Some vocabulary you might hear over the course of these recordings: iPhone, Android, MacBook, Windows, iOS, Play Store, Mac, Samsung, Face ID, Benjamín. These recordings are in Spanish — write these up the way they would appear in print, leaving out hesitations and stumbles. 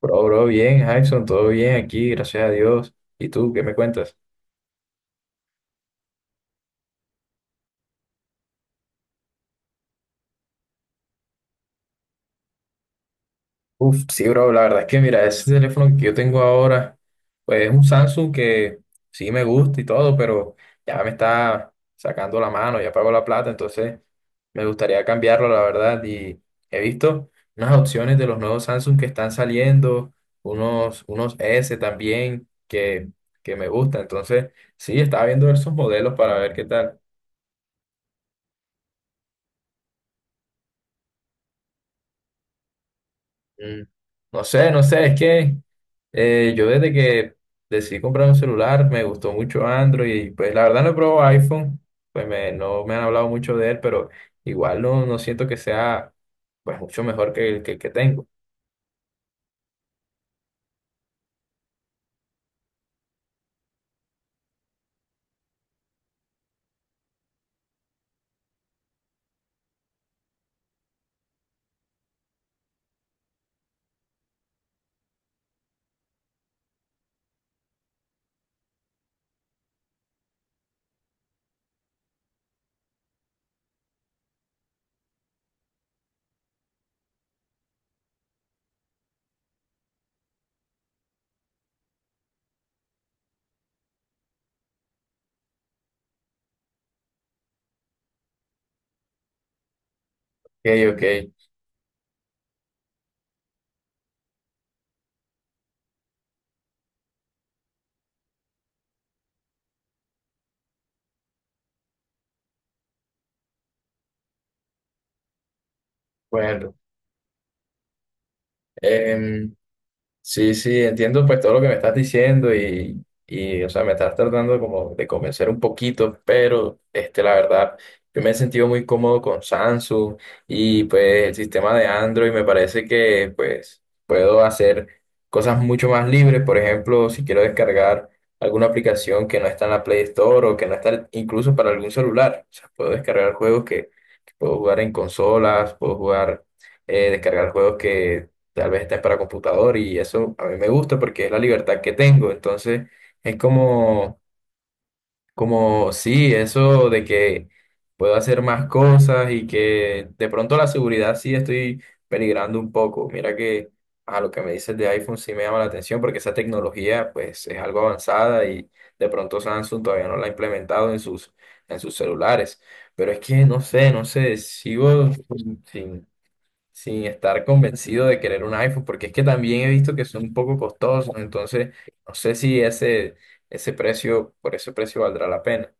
Bien, Jackson, todo bien aquí, gracias a Dios. ¿Y tú, qué me cuentas? Uf, sí, bro, la verdad es que mira, ese teléfono que yo tengo ahora, pues es un Samsung que sí me gusta y todo, pero ya me está sacando la mano, ya pago la plata, entonces me gustaría cambiarlo, la verdad. Y he visto unas opciones de los nuevos Samsung que están saliendo, unos S también que me gustan, entonces sí, estaba viendo esos modelos para ver qué tal. Mm, no sé, es que yo desde que decidí comprar un celular me gustó mucho Android y pues la verdad no he probado iPhone, pues no me han hablado mucho de él, pero igual no siento que sea pues mucho mejor que el que tengo. Ok, ok, bueno. em, Sí, sí, entiendo pues todo lo que me estás diciendo y, o sea, me estás tratando como de convencer un poquito, pero este, la verdad, yo me he sentido muy cómodo con Samsung y pues el sistema de Android me parece que pues puedo hacer cosas mucho más libres. Por ejemplo, si quiero descargar alguna aplicación que no está en la Play Store o que no está incluso para algún celular, o sea, puedo descargar que puedo jugar en consolas, puedo jugar, descargar juegos que tal vez estén para computador y eso a mí me gusta porque es la libertad que tengo. Entonces es como, como sí, eso de que puedo hacer más cosas y que de pronto la seguridad sí estoy peligrando un poco. Mira que a lo que me dices de iPhone sí me llama la atención porque esa tecnología pues es algo avanzada y de pronto Samsung todavía no la ha implementado en en sus celulares. Pero es que no sé, sigo sin, sin estar convencido de querer un iPhone, porque es que también he visto que son un poco costosos, entonces no sé si ese precio, por ese precio valdrá la pena.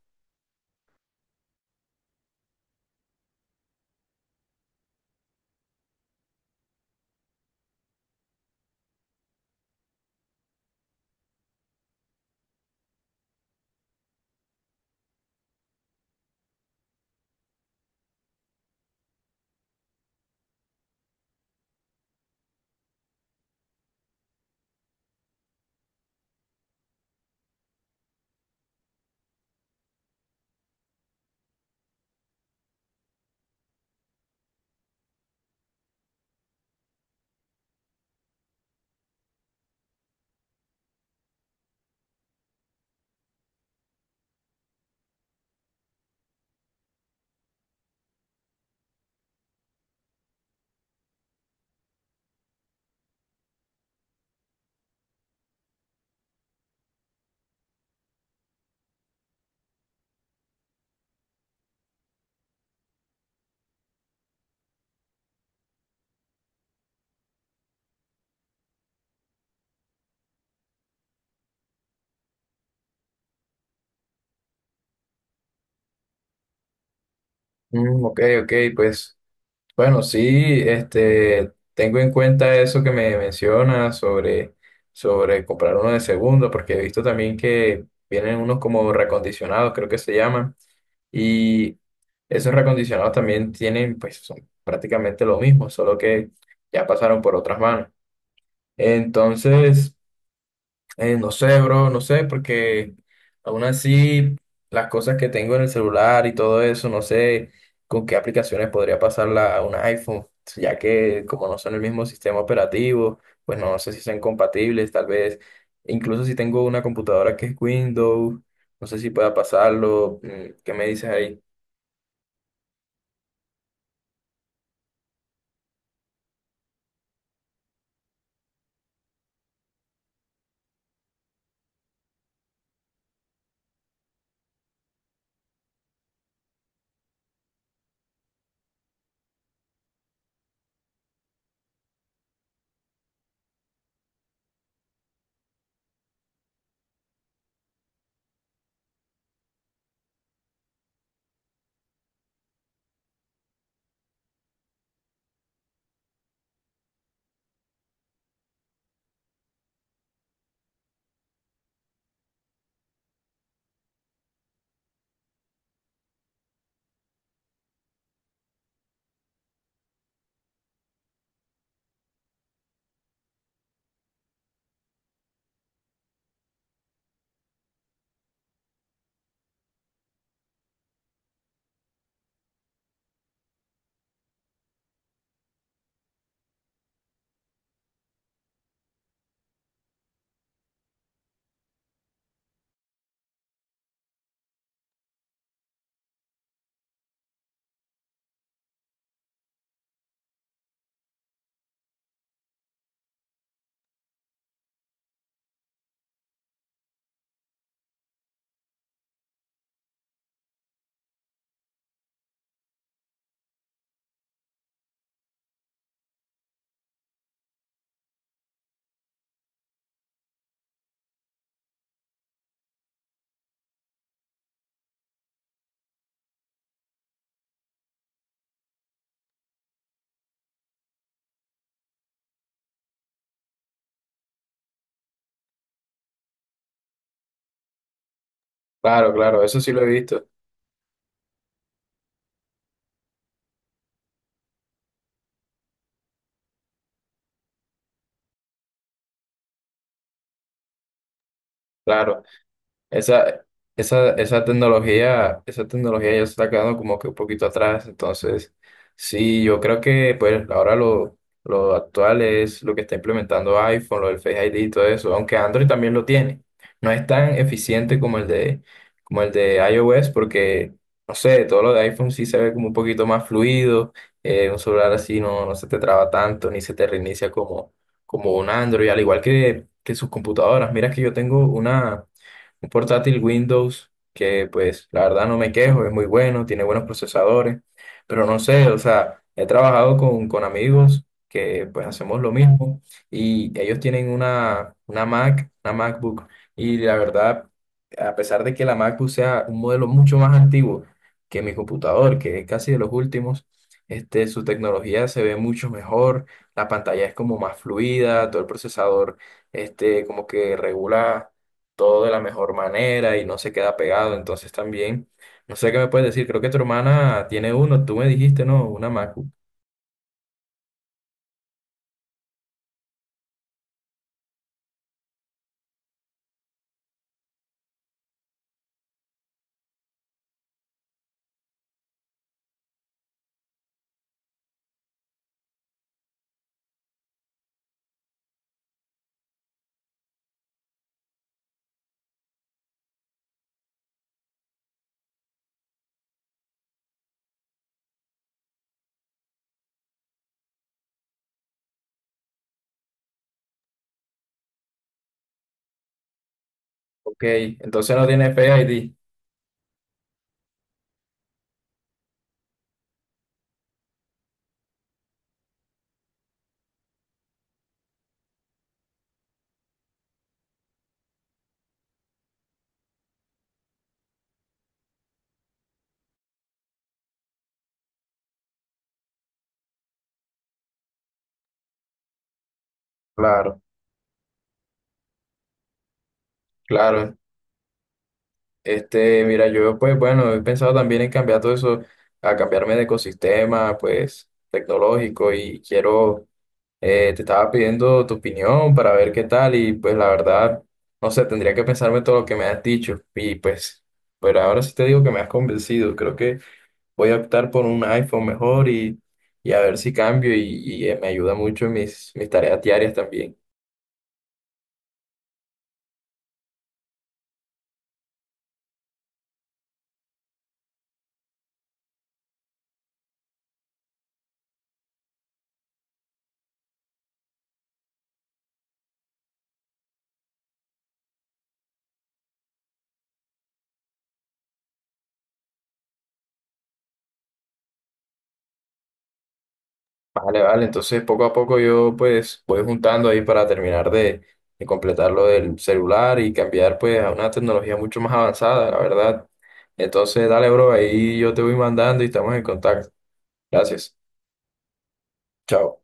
Ok, ok, pues bueno, sí, este, tengo en cuenta eso que me mencionas sobre comprar uno de segunda, porque he visto también que vienen unos como recondicionados, creo que se llaman, y esos recondicionados también tienen, pues son prácticamente lo mismo, solo que ya pasaron por otras manos. Entonces, no sé, bro, no sé, porque aún así las cosas que tengo en el celular y todo eso, no sé con qué aplicaciones podría pasarla a un iPhone, ya que como no son el mismo sistema operativo, pues no sé si sean compatibles, tal vez, incluso si tengo una computadora que es Windows, no sé si pueda pasarlo. Mm, ¿qué me dices ahí? Claro, claro, eso sí lo he visto, claro. Esa, esa tecnología, esa tecnología ya se está quedando como que un poquito atrás. Entonces, sí, yo creo que pues ahora lo actual es lo que está implementando iPhone, lo del Face ID y todo eso, aunque Android también lo tiene. No es tan eficiente como como el de iOS, porque, no sé, todo lo de iPhone sí se ve como un poquito más fluido. Un celular así no se te traba tanto, ni se te reinicia como, como un Android, al igual que sus computadoras. Mira que yo tengo una un portátil Windows que pues la verdad no me quejo, es muy bueno, tiene buenos procesadores, pero no sé, o sea, he trabajado con amigos que pues hacemos lo mismo y ellos tienen una Mac, una MacBook y la verdad, a pesar de que la MacBook sea un modelo mucho más antiguo que mi computador, que es casi de los últimos, este, su tecnología se ve mucho mejor, la pantalla es como más fluida, todo el procesador este, como que regula todo de la mejor manera y no se queda pegado. Entonces también, no sé qué me puedes decir, creo que tu hermana tiene uno, tú me dijiste, no, una Macu. Ok, entonces no tiene Face ID. Claro, claro. Este, mira, yo pues bueno, he pensado también en cambiar todo eso, a cambiarme de ecosistema, pues tecnológico y quiero, te estaba pidiendo tu opinión para ver qué tal y pues la verdad, no sé, tendría que pensarme todo lo que me has dicho y pues, pero ahora sí te digo que me has convencido, creo que voy a optar por un iPhone mejor y a ver si cambio y me ayuda mucho en mis tareas diarias también. Vale, vale, entonces poco a poco yo pues voy juntando ahí para terminar de completar lo del celular y cambiar pues a una tecnología mucho más avanzada, la verdad. Entonces dale, bro, ahí yo te voy mandando y estamos en contacto. Gracias. Chao.